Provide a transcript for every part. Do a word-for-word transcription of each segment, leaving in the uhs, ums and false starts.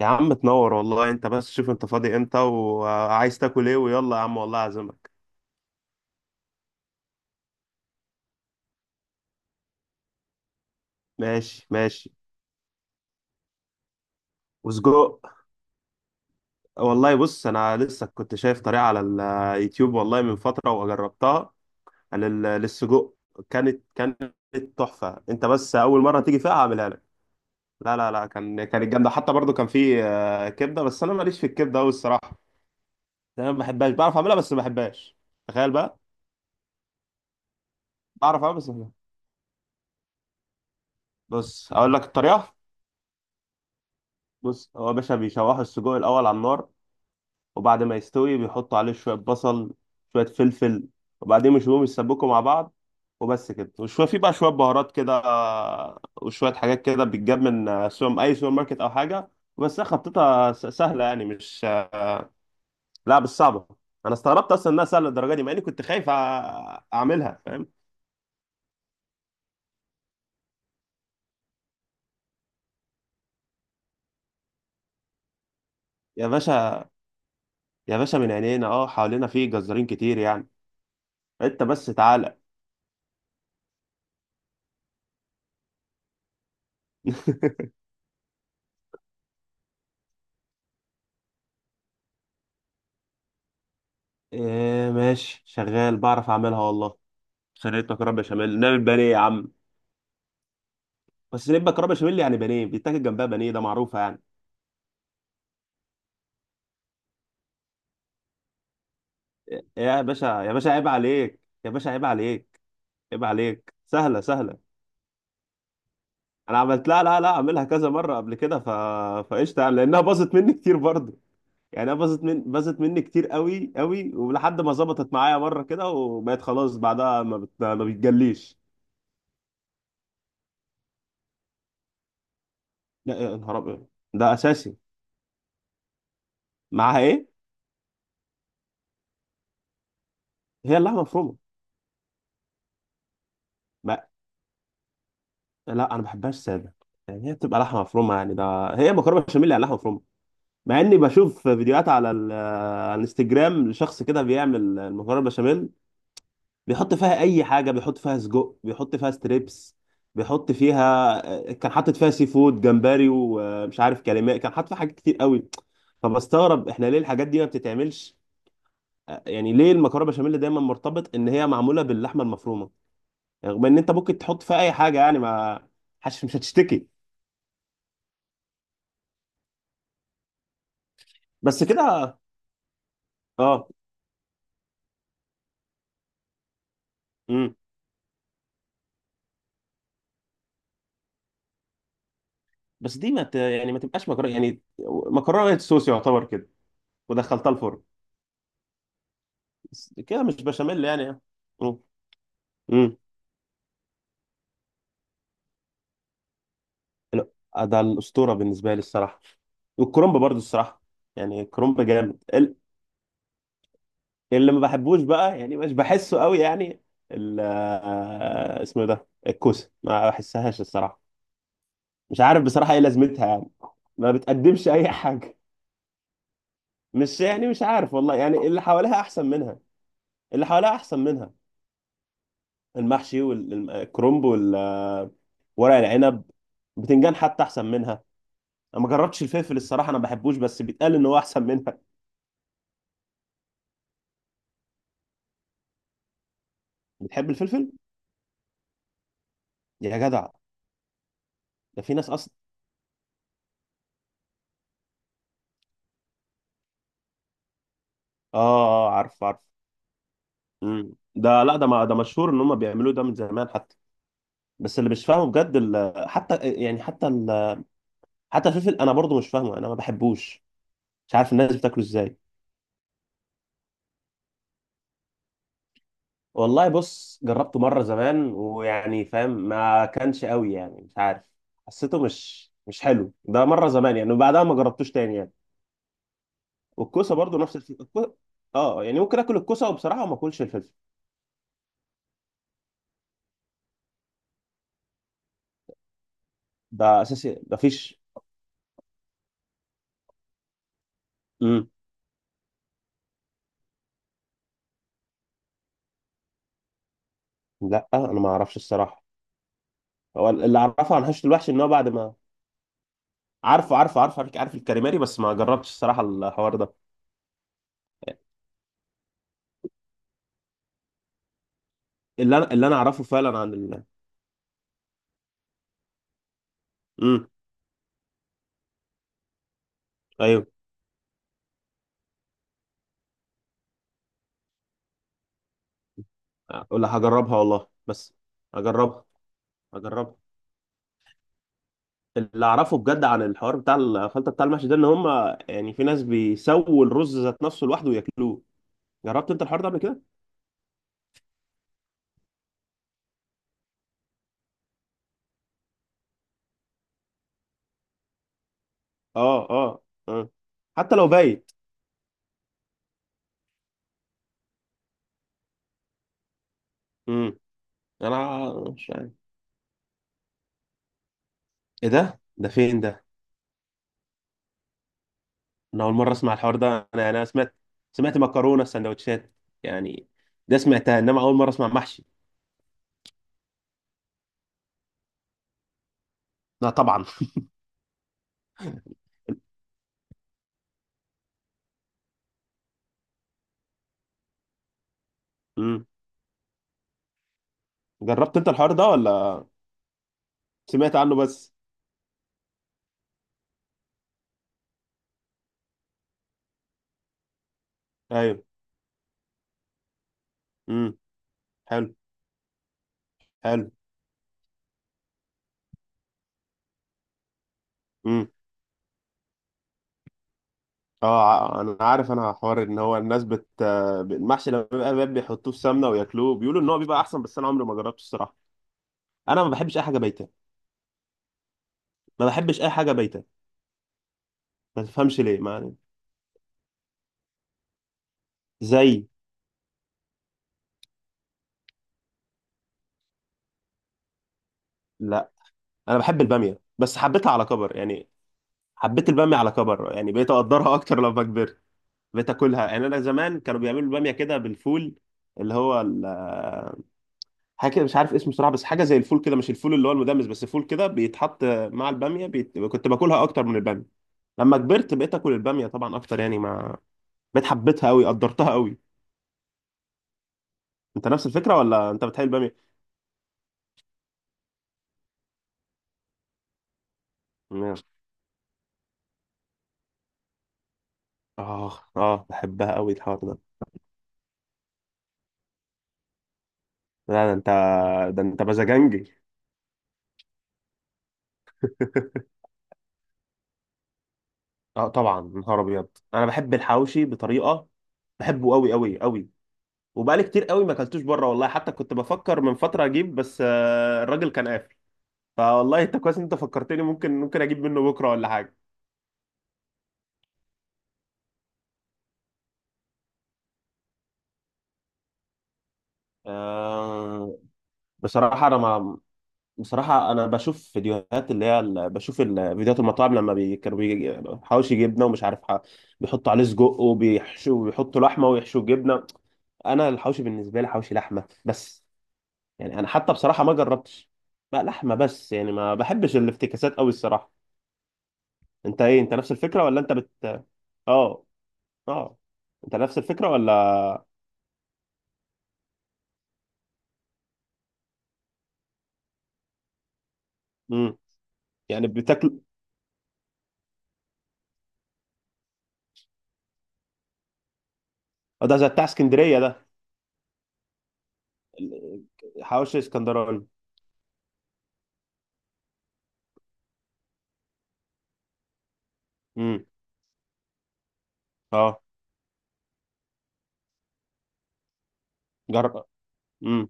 يا عم تنور والله، انت بس شوف انت فاضي امتى وعايز تاكل ايه، ويلا يا عم والله اعزمك. ماشي، ماشي. وسجق. والله بص، انا لسه كنت شايف طريقة على اليوتيوب والله من فترة وجربتها على ال- للسجق. كانت كانت تحفة، انت بس اول مرة تيجي فيها هعملها لك. لا، لا، لا، كان كانت جامدة حتى برضو، كان في آه، كبدة، بس انا ماليش في الكبدة قوي الصراحة. انا ما بحبهاش، بعرف اعملها بس ما بحبهاش. تخيل بقى. بعرف اعملها بس ما بحبهاش. بص، اقول لك الطريقة. بص، هو يا باشا بيشوحوا السجق الاول على النار، وبعد ما يستوي بيحطوا عليه شوية بصل، شوية فلفل، وبعدين يشوفوهم يسبكوا مع بعض. وبس كده، وشوية في بقى شوية بهارات كده، آه، وشوية حاجات كده بتجاب من آه، سوبر أي سوبر ماركت أو حاجة. بس هي خطتها س- سهلة يعني، مش آه، لا، مش صعبة. أنا استغربت أصلا إنها سهلة للدرجة دي، مع إني كنت خايف آه، أعملها، فاهم؟ يا باشا، يا باشا، من عينينا. أه حوالينا في جزارين كتير يعني. أنت بس تعالى. إيه ماشي، شغال، بعرف أعملها والله. صينية مكرونة بشاميل، نعمل بانيه يا عم. بس نبقى كرامة بشاميل يعني، بانيه بيتاكل جنبها، بانيه ده معروفة يعني. يا باشا، يا باشا عيب عليك. يا باشا عيب عليك. عيب عليك، سهلة سهلة. انا عملت لا، لا، لا، اعملها كذا مرة قبل كده، ف فقشطة يعني، لانها باظت مني كتير برضه. يعني انا باظت من باظت مني كتير قوي قوي، ولحد ما ظبطت معايا مرة كده وبقت خلاص، بعدها ما, بت... ما بتجليش. لا، يا نهار ابيض. ده اساسي. معاها ايه؟ هي اللحمة مفرومة. ما... لا، انا ما بحبهاش سادة. يعني هي بتبقى لحمة مفرومة، يعني ده هي مكرونة بشاميل يعني لحمة مفرومة. مع اني بشوف فيديوهات على ال- على الانستجرام لشخص كده بيعمل المكرونه بشاميل، بيحط فيها اي حاجه، بيحط فيها سجق، بيحط فيها ستريبس، بيحط فيها آه، كان حاطط فيها سي فود جمبري، ومش عارف كلمات، كان حاطط فيها حاجات كتير قوي. فبستغرب احنا ليه الحاجات دي ما بتتعملش. آه، يعني ليه المكرونه بشاميل دايما مرتبط ان هي معموله باللحمه المفرومه؟ يعني رغم ان انت ممكن تحط فيها اي حاجه، يعني ما حش مش هتشتكي. بس كده. اه. امم. بس دي ما ت... يعني ما تبقاش مكرونه يعني، مكرونه وايت صوص يعتبر كده، ودخلتها الفرن. بس كده مش بشاميل يعني. امم. امم. لا، ده الاسطوره بالنسبه لي الصراحه. والكرنب برضو الصراحه. يعني الكرنب جامد، ال- اللي ما بحبوش بقى يعني مش بحسه قوي يعني. ال... آه، اسمه ده الكوسه، ما بحسهاش الصراحه. مش عارف بصراحه ايه لازمتها يعني. ما بتقدمش اي حاجه. مش، يعني مش عارف والله، يعني اللي حواليها احسن منها. اللي حواليها احسن منها. المحشي والكرنب والورق العنب. بتنجان حتى احسن منها. انا ما جربتش الفلفل الصراحه، انا ما بحبوش، بس بيتقال ان هو احسن منها. بتحب الفلفل؟ يا جدع. ده في ناس اصلا. اه، اه، آه، عارف عارف. مم. ده، لا ده، ما ده مشهور ان هم بيعملوه ده من زمان حتى. بس اللي مش فاهمه بجد ال- حتى يعني حتى ال... حتى الفلفل، انا برضو مش فاهمه، انا ما بحبوش. مش عارف الناس بتاكله ازاي. والله بص، جربته مرة زمان، ويعني فاهم، ما كانش قوي يعني، مش عارف. حسيته مش مش حلو، ده مرة زمان يعني، وبعدها ما جربتوش تاني يعني. والكوسة برضو نفس الفكرة، الكو... اه، يعني ممكن اكل الكوسة، وبصراحة ما اكلش الفلفل. ده اساسي، ما فيش. امم. لا، انا ما اعرفش الصراحة. هو اللي اعرفه عن حشو الوحش ان هو بعد ما. عارفه عارفه عارفه عارف, عارف الكاليماري، بس ما جربتش الصراحة الحوار ده. اللي انا اللي انا اعرفه فعلا عن ال... امم. ايوه. ولا هجربها والله، بس. هجربها. هجربها. اللي اعرفه بجد عن الحوار بتاع الخلطه بتاع المحشي ده، ان هم يعني في ناس بيسووا الرز ذات نفسه لوحده وياكلوه. جربت انت الحوار ده قبل كده؟ اه، اه، اه. حتى لو بايت. امم. انا مش عارف. ايه ده ده فين ده؟ انا اول مره اسمع الحوار ده، انا يعني انا سمعت سمعت مكرونه سندوتشات. يعني. ده سمعتها، انما اول مره اسمع محشي. لا، طبعا. امم. جربت انت الحوار ده ولا؟ سمعت عنه بس. ايوه. امم. حلو. حلو. امم. اه، ع- انا عارف، انا حوار ان هو الناس بت آه، المحشي لما بيبقى باب بيحطوه في سمنه وياكلوه، بيقولوا ان هو بيبقى احسن، بس انا عمري ما جربته الصراحه. انا ما بحبش اي حاجه بايته. ما بحبش اي حاجه بايته. ما تفهمش ليه، ما يعني. زي. لا، انا بحب الباميه، بس حبيتها على كبر يعني. حبيت الباميه على كبر يعني، بقيت اقدرها اكتر لما كبرت. بقيت اكلها، يعني انا زمان كانوا بيعملوا الباميه كده بالفول، اللي هو ال- آه، حاجه كده مش عارف اسمه صراحه، بس حاجه زي الفول كده، مش الفول اللي هو المدمس، بس فول كده بيتحط مع الباميه، بيت... كنت باكلها اكتر من الباميه. لما كبرت بقيت اكل الباميه طبعا اكتر، يعني ما بقيت حبيتها قوي، قدرتها قوي. انت نفس الفكره ولا انت بتحب الباميه؟ مم. اه، اه، بحبها قوي الحوار ده. لا، ده انت. ده انت مزاجنجي. اه، طبعا نهار ابيض، انا بحب الحواوشي بطريقه. بحبه قوي قوي قوي. وبقالي كتير قوي ما اكلتوش بره والله، حتى كنت بفكر من فتره اجيب، بس آه، الراجل كان قافل. فوالله انت كويس إن انت فكرتني، ممكن ممكن اجيب منه بكره ولا حاجه. آه. بصراحه انا ما بصراحة أنا بشوف فيديوهات، اللي هي ال- بشوف ال- فيديوهات المطاعم، لما بي- كانوا بيجي- حواوشي جبنة، ومش عارف ح- بيحطوا عليه سجق، وبيحشوا وبيحطوا لحمة ويحشوا جبنة. أنا الحواوشي بالنسبة لي حواوشي لحمة بس. يعني أنا حتى بصراحة ما جربتش بقى، لحمة بس يعني، ما بحبش الافتكاسات أوي الصراحة. أنت إيه؟ أنت نفس الفكرة ولا أنت بت آه آه أنت نفس الفكرة ولا؟ مم. يعني بتاكل. آه، ده زي بتاع اسكندرية ده. ال- حواوشي اسكندراني. امم. آه. جرب. امم.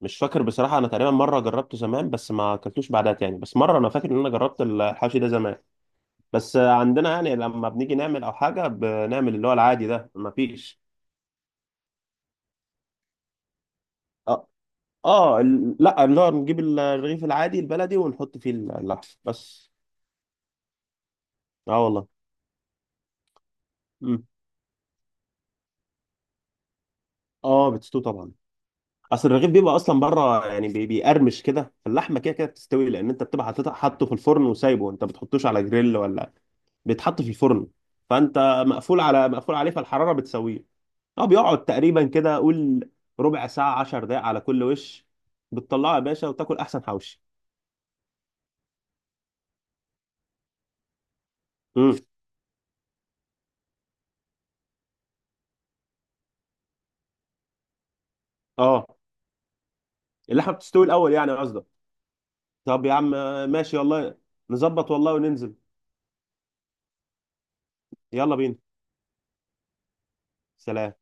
مش فاكر بصراحة، أنا تقريبا مرة جربته زمان، بس ما أكلتوش بعدها تاني، بس مرة أنا فاكر إن أنا جربت الحوشي ده زمان. بس عندنا يعني، لما بنيجي نعمل أو حاجة، بنعمل اللي هو العادي ده، ما فيش. آه، آه، ال- لا، اللي هو نجيب الرغيف العادي البلدي ونحط فيه اللحم بس. آه والله. مم. آه، بتستوي طبعا. أصل الرغيف بيبقى أصلا بره يعني، بي- بيقرمش كده، اللحمة كده كده بتستوي، لأن أنت بتبقى حاططها- حاطه في الفرن وسايبه، أنت بتحطوش على جريل ولا؟ بيتحط في الفرن. فأنت مقفول على مقفول عليه، فالحرارة بتسويه. اه، بيقعد تقريبا كده، قول ربع ساعة، عشر دقايق على كل وش، بتطلعه يا باشا وتاكل احسن حوشي. امم. اه. اللحمة بتستوي الاول يعني قصدك؟ طب يا عم، آه، ماشي والله، نظبط والله وننزل. يلا بينا. سلام.